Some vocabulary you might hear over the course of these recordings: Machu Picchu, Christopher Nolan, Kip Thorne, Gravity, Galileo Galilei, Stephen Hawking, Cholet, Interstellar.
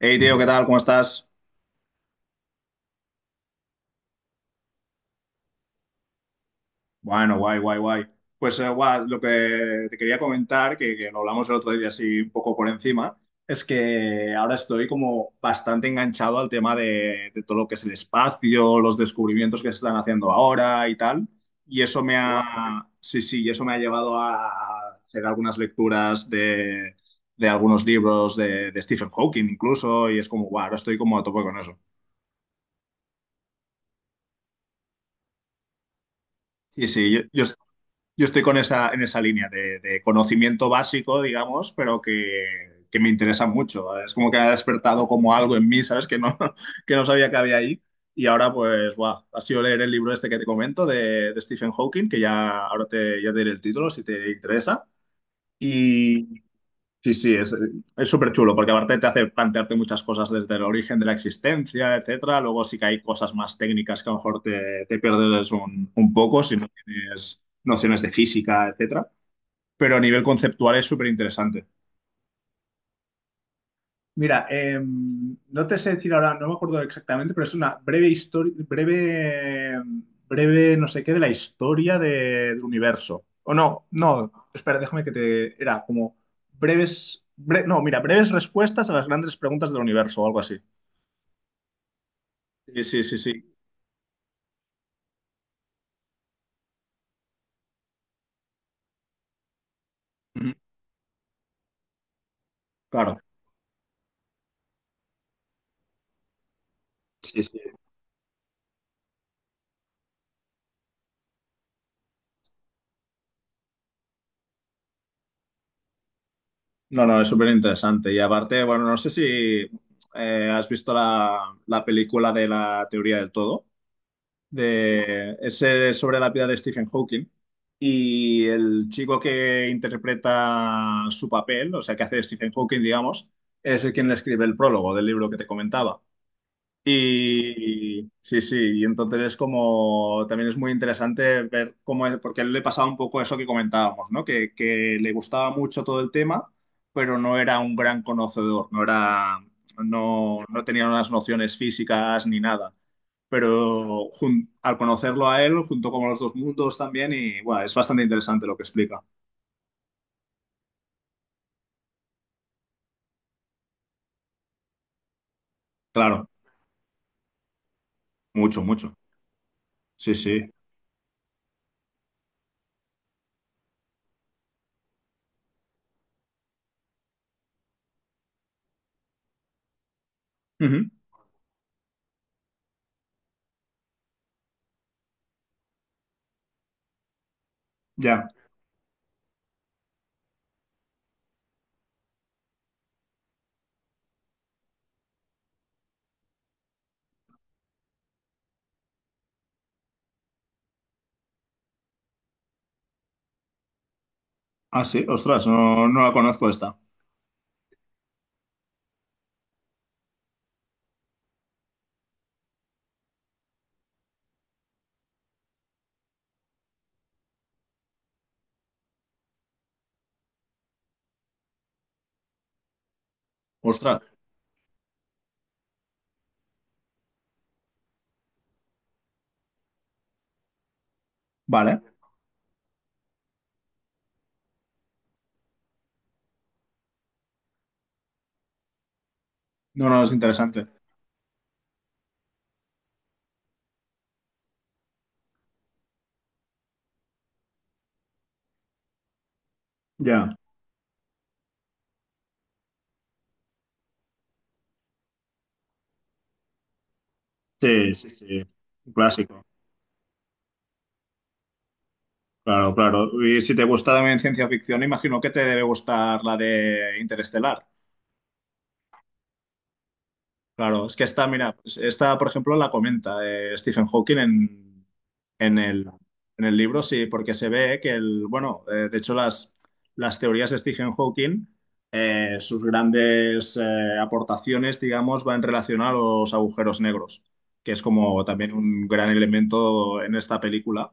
Hey, tío, ¿qué tal? ¿Cómo estás? Bueno, guay, guay, guay. Pues guau, lo que te quería comentar, que lo hablamos el otro día así un poco por encima, es que ahora estoy como bastante enganchado al tema de todo lo que es el espacio, los descubrimientos que se están haciendo ahora y tal. Y eso me ha, sí, sí, y eso me ha llevado a hacer algunas lecturas de algunos libros de Stephen Hawking incluso, y es como, guau, ahora estoy como a tope con eso. Sí, sí, Yo estoy con esa, en esa línea de conocimiento básico, digamos, pero que me interesa mucho. Es como que ha despertado como algo en mí, ¿sabes? Que no, que no sabía que había ahí. Y ahora, pues, buah, ha sido leer el libro este que te comento de Stephen Hawking, que ya ahora te, ya te diré el título si te interesa. Sí, sí, es súper chulo porque aparte te hace plantearte muchas cosas desde el origen de la existencia, etcétera. Luego sí que hay cosas más técnicas que a lo mejor te, te pierdes un poco si no tienes nociones de física, etcétera. Pero a nivel conceptual es súper interesante. Mira, no te sé decir ahora, no me acuerdo exactamente, pero es una breve historia, breve, breve no sé qué de la historia de- del universo. O no, no, espera, déjame que te... Era como breves, bre- no, mira, breves respuestas a las grandes preguntas del universo o algo así. Sí, sí, sí, sí. Ujú. Claro. Sí, sí. No, no, es súper interesante. Y aparte, bueno, no sé si has visto la, la película de la teoría del todo. De, es sobre la vida de Stephen Hawking. Y el chico que interpreta su papel, o sea, que hace de Stephen Hawking, digamos, es el quien le escribe el prólogo del libro que te comentaba. Y sí, sí, y entonces es como, también es muy interesante ver cómo es, porque a él le pasaba un poco eso que comentábamos, ¿no? Que le gustaba mucho todo el tema, pero no era un gran conocedor, no era, no, no tenía unas nociones físicas ni nada pero al conocerlo a él, junto con los dos mundos también, y bueno, es bastante interesante lo que explica. Claro, mucho, mucho. Sí, sí. Ujú. Ya. Ah, sí, ostras, no, no la conozco esta. Ostras, vale. No, no, es interesante. Ya. Sí, sí, sí. Un clásico. Claro, claro. Y si te gusta también ciencia ficción, imagino que te debe gustar la de Interestelar. Claro, es que esta, mira, pues esta, por ejemplo, la comenta Stephen Hawking en el, en el libro, sí, porque se ve que el, bueno, de hecho las teorías de Stephen Hawking, sus grandes aportaciones, digamos, van en relación a los agujeros negros, que es como también un gran elemento en esta película.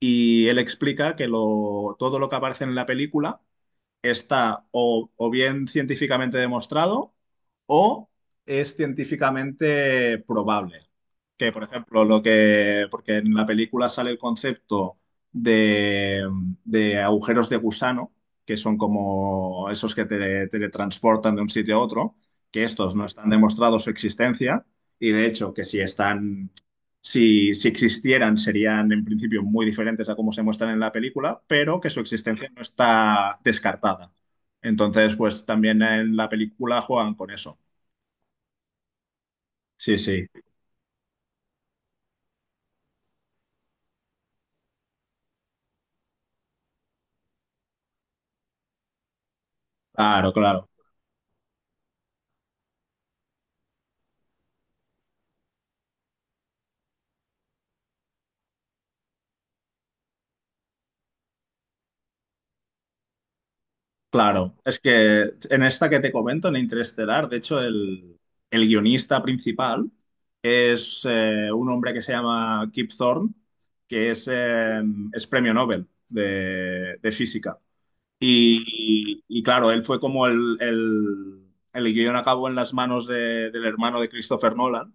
Y él explica que lo, todo lo que aparece en la película está o bien científicamente demostrado o es científicamente probable. Que, por ejemplo, lo que, porque en la película sale el concepto de, de agujeros de gusano, que son como esos que te teletransportan de un sitio a otro, que estos no están demostrados su existencia y de hecho que si están si, si existieran, serían en principio muy diferentes a cómo se muestran en la película, pero que su existencia no está descartada. Entonces, pues también en la película juegan con eso. Sí, sí, claro, claro, claro. Es que en esta que te comento, en Interestelar, de hecho, el guionista principal es un hombre que se llama Kip Thorne, que es premio Nobel de física. Y claro, él fue como el guión acabó en las manos de- del hermano de Christopher Nolan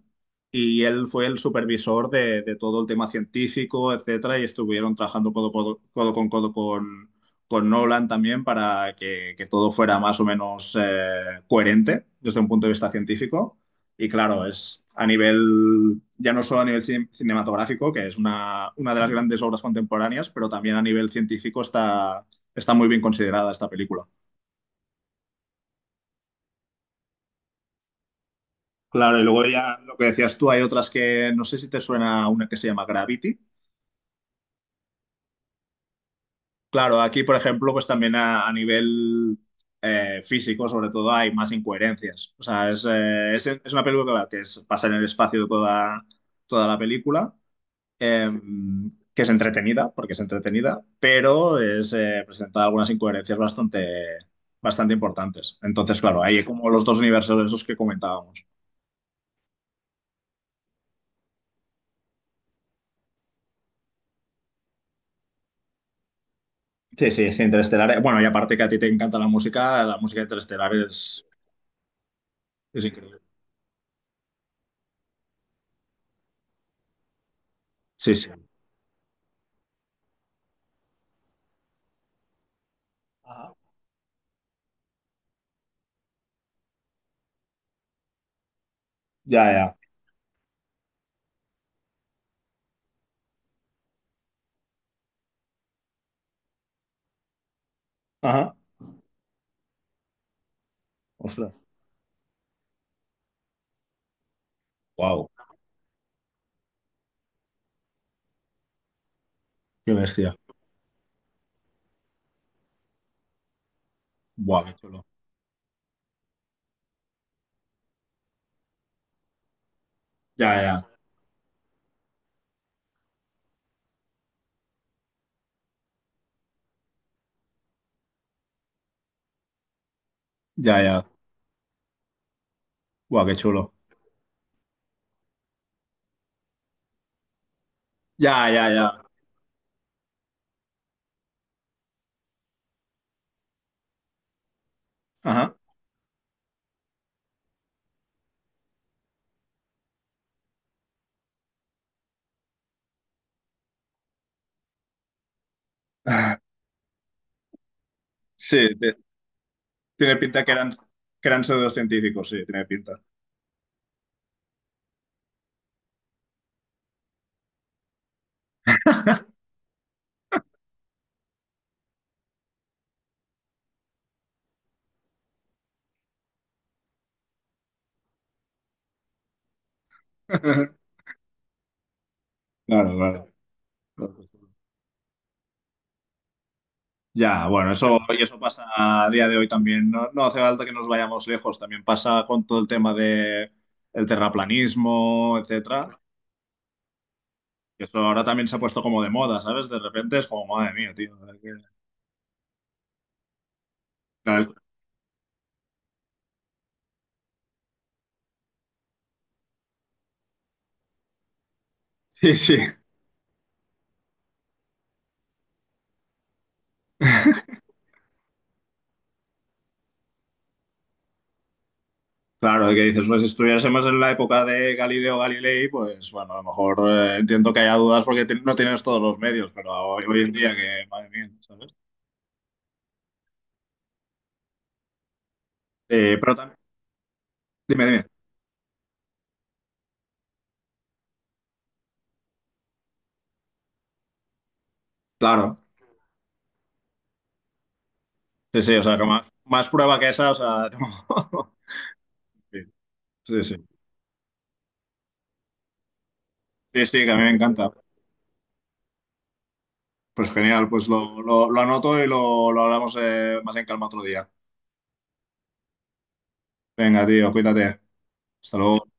y él fue el supervisor de todo el tema científico, etcétera, y estuvieron trabajando codo, codo- codo con Nolan también para que todo fuera más o menos coherente desde un punto de vista científico. Y claro, es a nivel, ya no solo a nivel cinematográfico, que es una de las grandes obras contemporáneas, pero también a nivel científico está está muy bien considerada esta película. Claro, y luego ya lo que decías tú, hay otras que no sé si te suena una que se llama Gravity. Claro, aquí, por ejemplo, pues también a nivel físico, sobre todo, hay más incoherencias. O sea, es una película que es, pasa en el espacio toda, toda la película, eh, que es entretenida, porque es entretenida, pero es, presenta algunas incoherencias bastante, bastante importantes. Entonces, claro, hay como los dos universos esos que comentábamos. Sí, sí, es que Interestelar. Bueno, y aparte que a ti te encanta la música de Interestelar es increíble. Sí, sí. Ajá. Ya, ya. Ajá. Ostras. Wow. Qué bestia. Buah, qué chulo. Ya, ya. Ya, ya. Buah, qué chulo. Ya, ya, ya. Ajá. Ah, sí, tiene pinta que eran pseudocientíficos, sí, tiene pinta. Claro, claro. Ya, bueno, eso, y eso pasa a día de hoy también. No, no hace falta que nos vayamos lejos. También pasa con todo el tema de el terraplanismo, etcétera. Que eso ahora también se ha puesto como de moda, ¿sabes? De repente es como, madre mía, tío. Claro, sí, sí. Claro, que dices, pues si estuviésemos en la época de Galileo Galilei, pues bueno, a lo mejor entiendo que haya dudas porque no tienes todos los medios, pero hoy, hoy en día que, madre mía, ¿sabes? Pero también, dime, dime. Claro, sí, sí, o sea, que más, más prueba que esa, o sea, no. Sí, sí, sí. Sí, sí, que a mí me encanta. Pues genial, pues lo anoto y lo hablamos más en calma otro día. Venga, tío, cuídate. Hasta luego.